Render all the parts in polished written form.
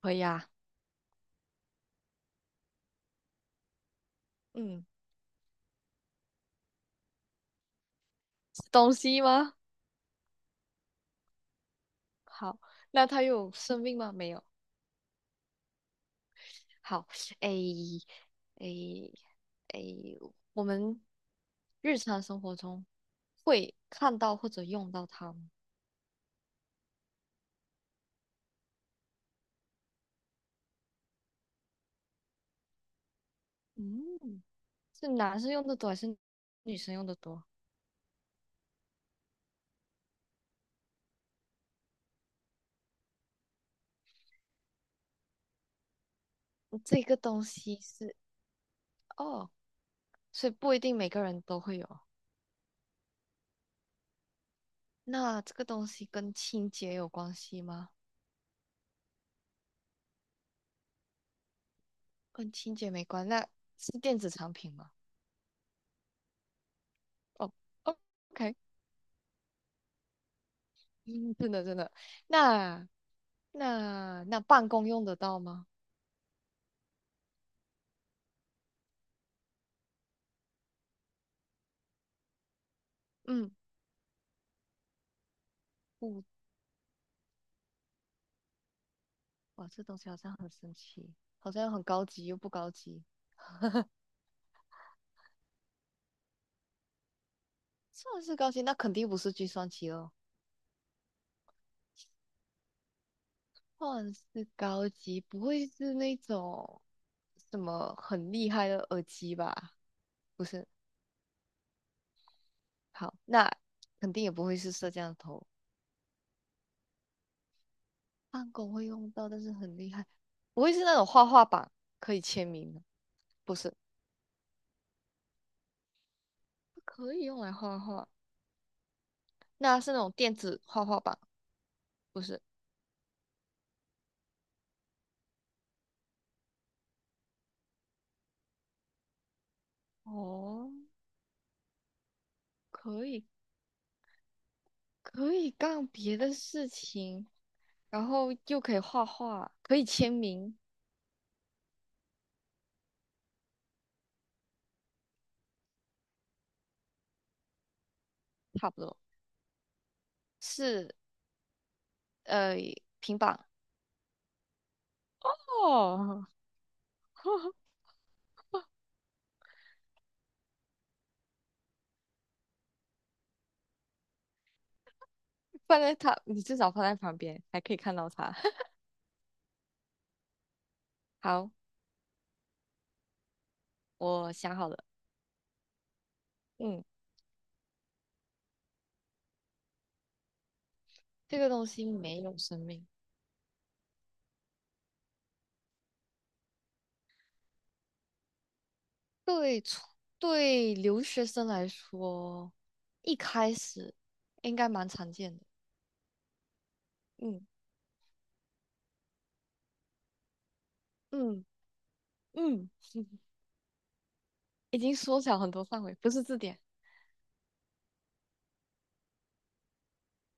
可以啊。嗯，是东西吗？好，那它有生命吗？没有。好。诶，诶，诶，我们日常生活中会看到或者用到它吗？嗯，是男生用的多还是女生用的多？这个东西是。哦，所以不一定每个人都会有。那这个东西跟清洁有关系吗？跟清洁没关，那是电子产品吗？哦哦，OK。嗯，真的真的。那那办公用得到吗？嗯。不。哇，这东西好像很神奇，好像又很高级又不高级。算是高级，那肯定不是计算机了。算是高级，不会是那种什么很厉害的耳机吧？不是。好，那肯定也不会是摄像头。办公会用到，但是很厉害，不会是那种画画板可以签名的。不是，可以用来画画。那是那种电子画画板，不是。哦，可以可以干别的事情，然后又可以画画，可以签名。差不多。是呃平板。哦，放在它，你至少放在旁边，还可以看到它。好，我想好了。嗯，这个东西没有生命。对初对留学生来说，一开始应该蛮常见的。嗯嗯嗯，已经缩小很多范围，不是字典。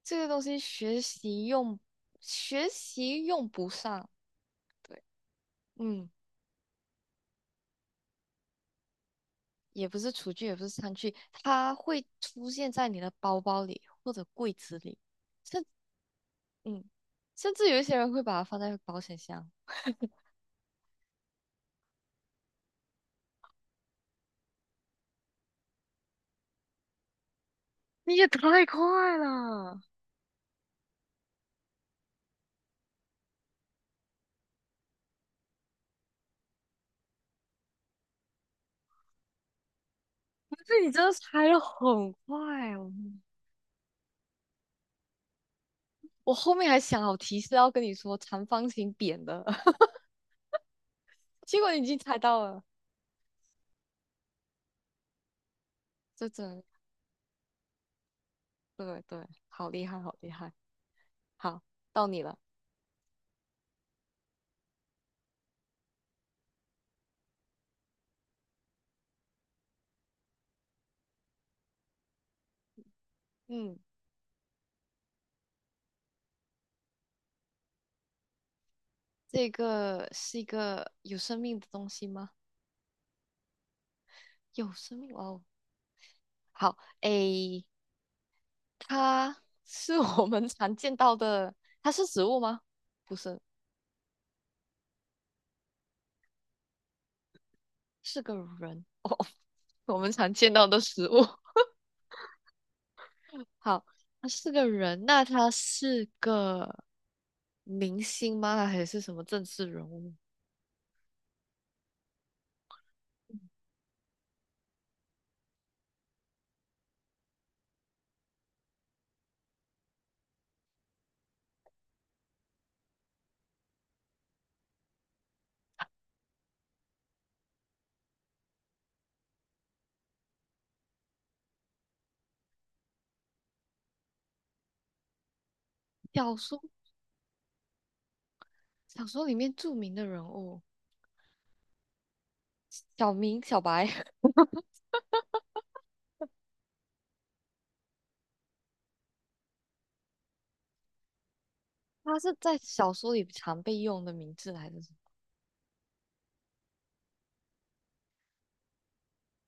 这个东西学习用，学习用不上。对。嗯，也不是厨具，也不是餐具，它会出现在你的包包里或者柜子里，甚，嗯，甚至有一些人会把它放在保险箱。你也太快了！不是，你真的猜的很快哦。我后面还想好提示要跟你说长方形扁的，结果你已经猜到了。这真对对，好厉害，好厉害。好，到你了。嗯，这个是一个有生命的东西吗？有生命哦。好，诶，它是我们常见到的，它是植物吗？不是，是个人哦。我们常见到的食物。好，它是个人，那他是个明星吗？还是什么政治人物？小说，小说里面著名的人物，小明、小白。他是在小说里常被用的名字，还是？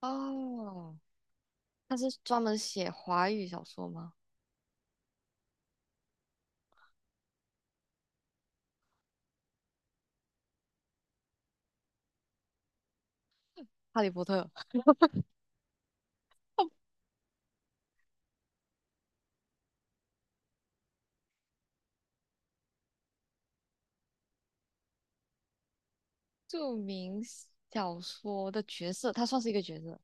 哦，他是专门写华语小说吗？《哈利波特》。著名小说的角色，他算是一个角色，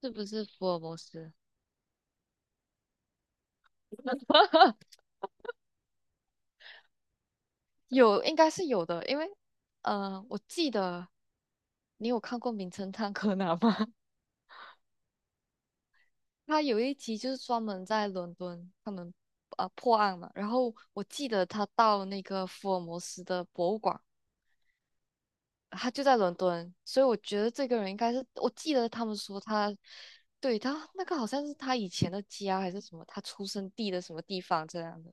是不是福尔摩斯？有，应该是有的，因为我记得，你有看过《名侦探柯南》吗？他有一集就是专门在伦敦，他们破案嘛，然后我记得他到那个福尔摩斯的博物馆，他就在伦敦，所以我觉得这个人应该是，我记得他们说他，对，他那个好像是他以前的家还是什么，他出生地的什么地方这样的。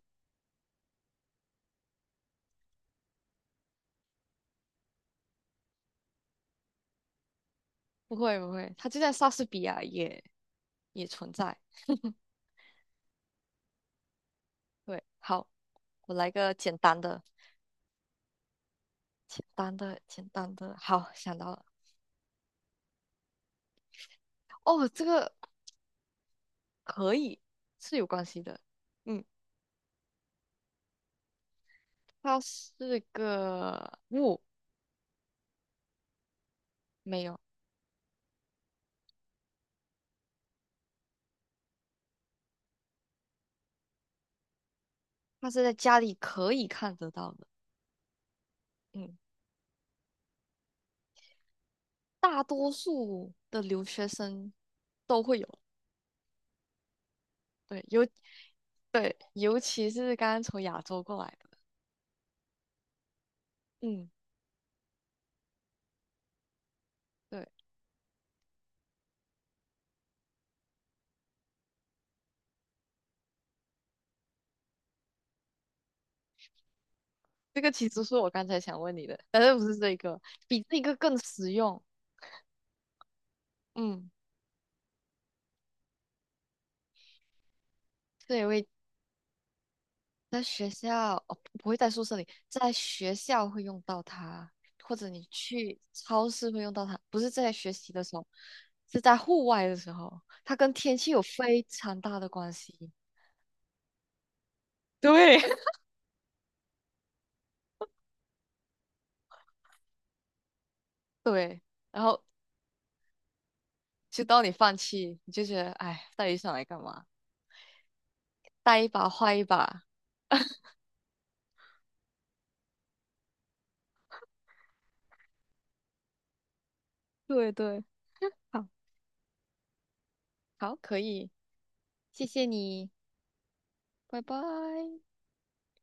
不会不会，他就在莎士比亚也存在。对，好，我来个简单的，简单的，简单的。好，想到了。哦，这个可以是有关系的。嗯，它是个物。没有，它是在家里可以看得到的。嗯。大多数的留学生都会有。对，对，尤其是刚刚从亚洲过来的。嗯，对，这个其实是我刚才想问你的，但是不是这个，比这个更实用。嗯，对，我会在学校，哦，不会在宿舍里，在学校会用到它，或者你去超市会用到它，不是在学习的时候，是在户外的时候，它跟天气有非常大的关系。对。对。然后就当你放弃，你就觉得哎，带雨伞来干嘛？带一把坏一把。对对，好，好，可以，谢谢你，拜拜。